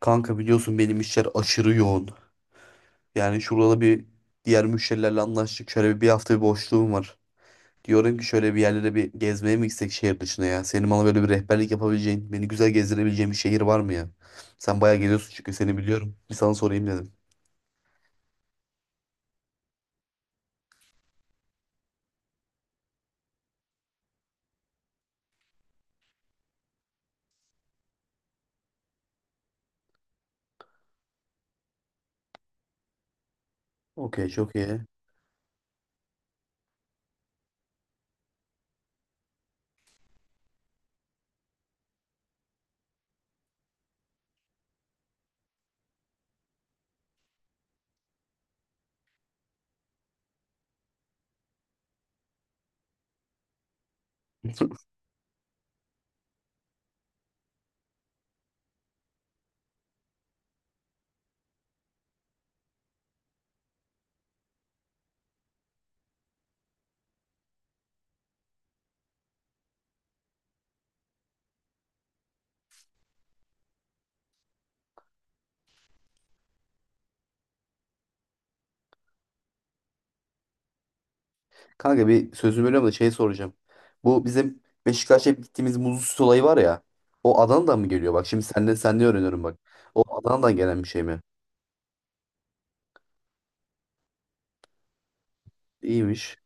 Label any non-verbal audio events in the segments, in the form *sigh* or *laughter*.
Kanka biliyorsun benim işler aşırı yoğun. Yani şurada bir diğer müşterilerle anlaştık. Şöyle bir hafta bir boşluğum var. Diyorum ki şöyle bir yerlere bir gezmeye mi gitsek şehir dışına ya? Senin bana böyle bir rehberlik yapabileceğin, beni güzel gezdirebileceğin bir şehir var mı ya? Sen bayağı geziyorsun çünkü seni biliyorum. Bir sana sorayım dedim. Okey, çok iyi. *laughs* Kanka bir sözünü bölüyorum da şey soracağım. Bu bizim Beşiktaş'a hep gittiğimiz muzlu süt olayı var ya. O Adana'dan mı geliyor? Bak şimdi senden öğreniyorum bak. O Adana'dan gelen bir şey mi? İyiymiş.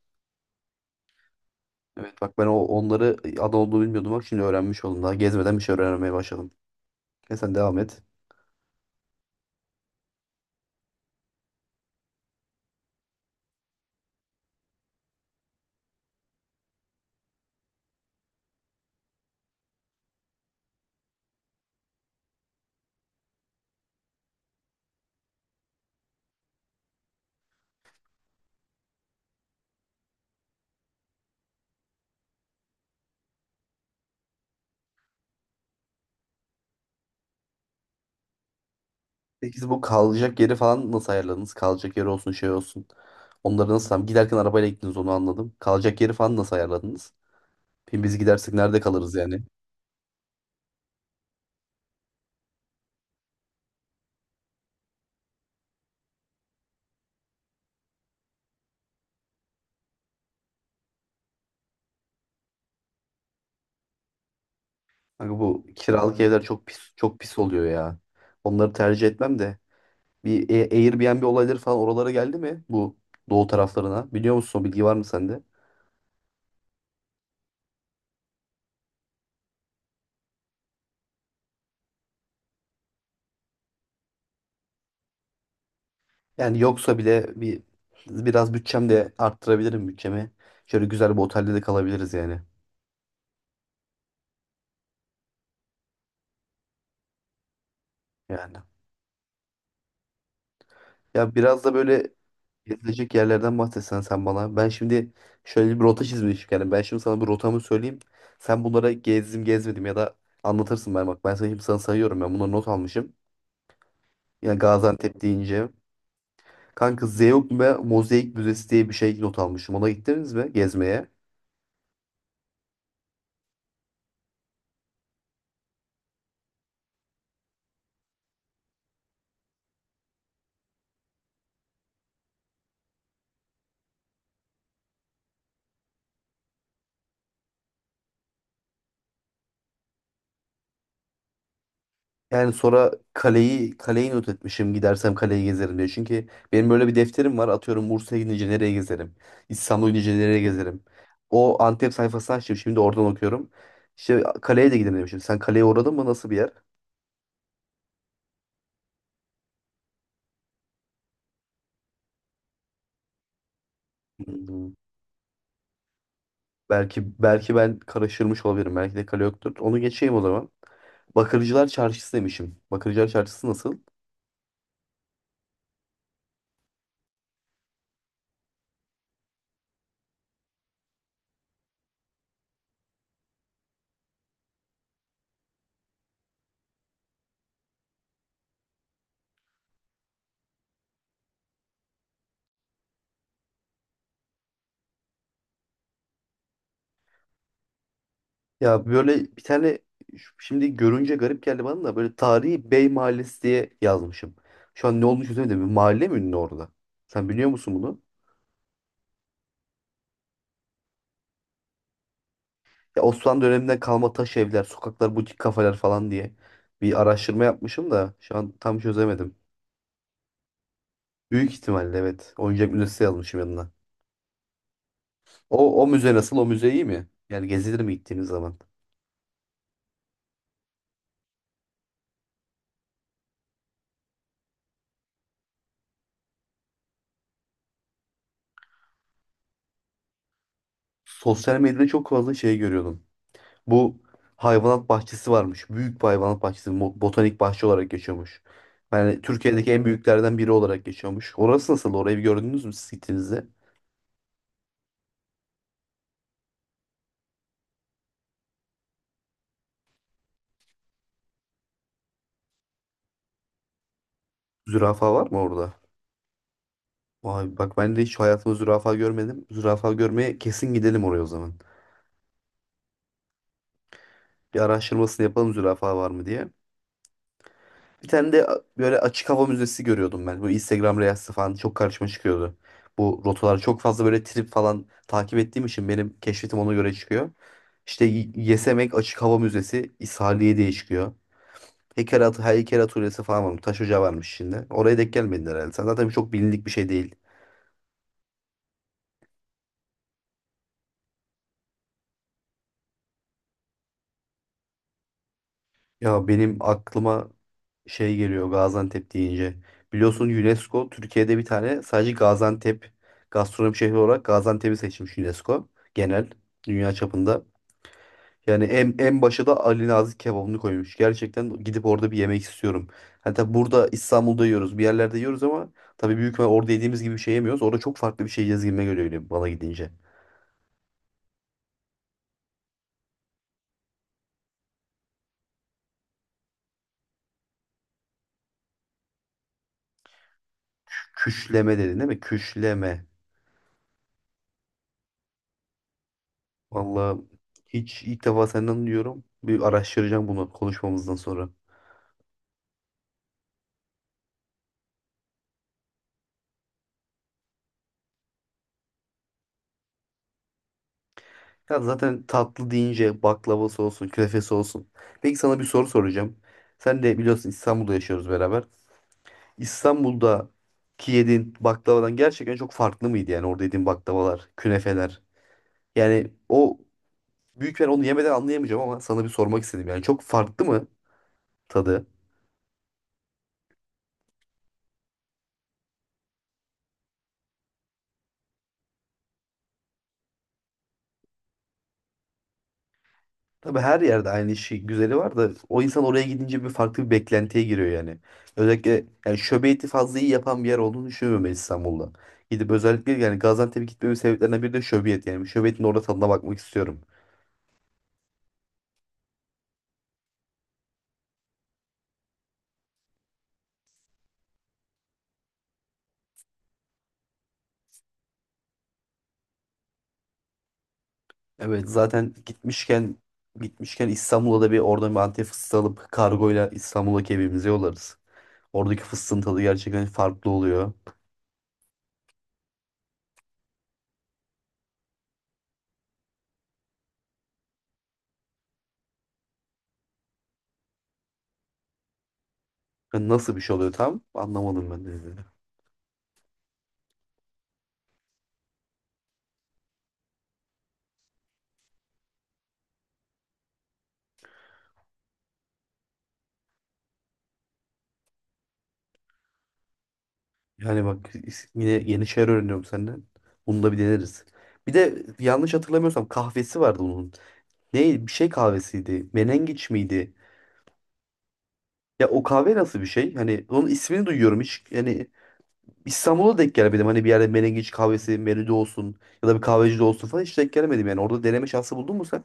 Evet bak ben o onları adı olduğunu bilmiyordum, bak şimdi öğrenmiş oldum, daha gezmeden bir şey öğrenmeye başladım. E sen devam et. Peki siz bu kalacak yeri falan nasıl ayarladınız? Kalacak yeri olsun şey olsun. Onları nasıl, tam giderken arabayla gittiniz onu anladım. Kalacak yeri falan nasıl ayarladınız? Şimdi biz gidersek nerede kalırız yani? Kanka bu kiralık evler çok pis oluyor ya. Onları tercih etmem de. Bir Airbnb olayları falan oralara geldi mi bu doğu taraflarına? Biliyor musun, o bilgi var mı sende? Yani yoksa bile bir biraz bütçem de arttırabilirim bütçemi. Şöyle güzel bir otelde de kalabiliriz yani. Yani. Ya biraz da böyle gezilecek yerlerden bahsetsen sen bana. Ben şimdi şöyle bir rota çizmişim. Yani ben şimdi sana bir rotamı söyleyeyim. Sen bunlara gezdim gezmedim ya da anlatırsın ben bak. Ben sana şimdi sayıyorum, ben bunları not almışım. Yani Gaziantep deyince. Kanka Zeugma Mozaik Müzesi diye bir şey not almışım. Ona gittiniz mi gezmeye? Yani sonra kaleyi not etmişim, gidersem kaleyi gezerim diye. Çünkü benim böyle bir defterim var. Atıyorum Bursa'ya gidince nereye gezerim? İstanbul'a gidince nereye gezerim? O Antep sayfasını açtım. Şimdi oradan okuyorum. İşte kaleye de gidelim demişim. Sen kaleye uğradın mı? Nasıl bir yer? Hmm. Belki ben karıştırmış olabilirim. Belki de kale yoktur. Onu geçeyim o zaman. Bakırcılar Çarşısı demişim. Bakırcılar Çarşısı nasıl? Ya böyle bir tane, şimdi görünce garip geldi bana da, böyle tarihi Bey Mahallesi diye yazmışım. Şu an ne olmuş çözemedim, bir mahalle mi ünlü orada? Sen biliyor musun bunu? Ya Osmanlı döneminden kalma taş evler, sokaklar, butik kafeler falan diye bir araştırma yapmışım da şu an tam çözemedim. Büyük ihtimalle evet. Oyuncak müzesi yazmışım yanına. O müze nasıl? O müze iyi mi? Yani gezilir mi gittiğiniz zaman? Sosyal medyada çok fazla şey görüyordum. Bu hayvanat bahçesi varmış. Büyük bir hayvanat bahçesi. Botanik bahçe olarak geçiyormuş. Yani Türkiye'deki en büyüklerden biri olarak geçiyormuş. Orası nasıl? Orayı bir gördünüz mü siz gittiğinizde? Zürafa var mı orada? Vay bak, ben de hiç hayatımda zürafa görmedim. Zürafa görmeye kesin gidelim oraya o zaman. Bir araştırmasını yapalım zürafa var mı diye. Bir tane de böyle açık hava müzesi görüyordum ben. Bu Instagram Reels'te falan çok karşıma çıkıyordu. Bu rotalar çok fazla böyle trip falan takip ettiğim için benim keşfetim ona göre çıkıyor. İşte Yesemek Açık Hava Müzesi İshaliye diye çıkıyor. Heykel, at heykel atölyesi falan varmış. Taş ocağı varmış şimdi. Oraya denk gelmedin herhalde. Sen zaten, çok bilindik bir şey değil. Ya benim aklıma şey geliyor Gaziantep deyince. Biliyorsun UNESCO Türkiye'de bir tane sadece Gaziantep gastronomi şehri olarak Gaziantep'i seçmiş, UNESCO genel dünya çapında. Yani en başa da Ali Nazik kebabını koymuş. Gerçekten gidip orada bir yemek istiyorum. Hani tabii burada İstanbul'da yiyoruz, bir yerlerde yiyoruz ama tabii büyük ihtimal orada yediğimiz gibi bir şey yemiyoruz. Orada çok farklı bir şey yiyeceğiz gibime geliyor, öyle bana gidince. Küşleme dedin değil mi? Küşleme. Vallahi hiç ilk defa senden duyuyorum. Bir araştıracağım bunu konuşmamızdan sonra. Ya zaten tatlı deyince baklavası olsun, künefesi olsun. Peki sana bir soru soracağım. Sen de biliyorsun İstanbul'da yaşıyoruz beraber. İstanbul'daki yediğin baklavadan gerçekten çok farklı mıydı yani orada yediğin baklavalar, künefeler? Yani o büyük, ben onu yemeden anlayamayacağım ama sana bir sormak istedim. Yani çok farklı mı tadı? Tabii her yerde aynı şey güzeli var da o insan oraya gidince bir farklı bir beklentiye giriyor yani. Özellikle yani şöbiyeti fazla iyi yapan bir yer olduğunu düşünmüyorum ben İstanbul'da. Gidip özellikle yani Gaziantep'e gitmemin sebeplerinden biri de şöbiyet yani. Şöbiyetin orada tadına bakmak istiyorum. Evet zaten gitmişken İstanbul'da da bir oradan bir Antep fıstığı alıp kargoyla İstanbul'daki evimize yollarız. Oradaki fıstığın tadı gerçekten farklı oluyor. Yani nasıl bir şey oluyor tam anlamadım ben de. Yani bak yine yeni şeyler öğreniyorum senden. Bunu da bir deneriz. Bir de yanlış hatırlamıyorsam kahvesi vardı onun. Ne bir şey kahvesiydi. Menengiç miydi? Ya o kahve nasıl bir şey? Hani onun ismini duyuyorum hiç. Yani İstanbul'a denk gelemedim. Hani bir yerde menengiç kahvesi menüde olsun ya da bir kahvecide olsun falan, hiç denk gelemedim yani. Orada deneme şansı buldun mu sen?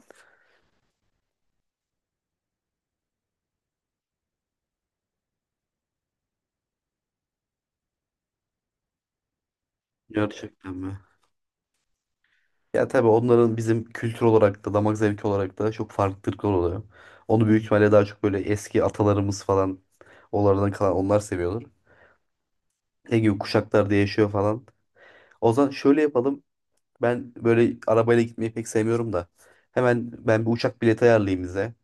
Gerçekten mi? Ya tabii onların bizim kültür olarak da damak zevki olarak da çok farklılıklar oluyor. Onu büyük ihtimalle daha çok böyle eski atalarımız falan, onlardan kalan, onlar seviyorlar. Ege kuşaklarda yaşıyor falan. O zaman şöyle yapalım. Ben böyle arabayla gitmeyi pek sevmiyorum da. Hemen ben bir uçak bileti ayarlayayım bize.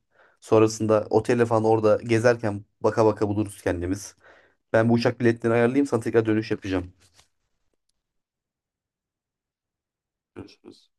Sonrasında otele falan, orada gezerken baka baka buluruz kendimiz. Ben bu uçak biletlerini ayarlayayım, sana tekrar dönüş yapacağım. Görüşürüz.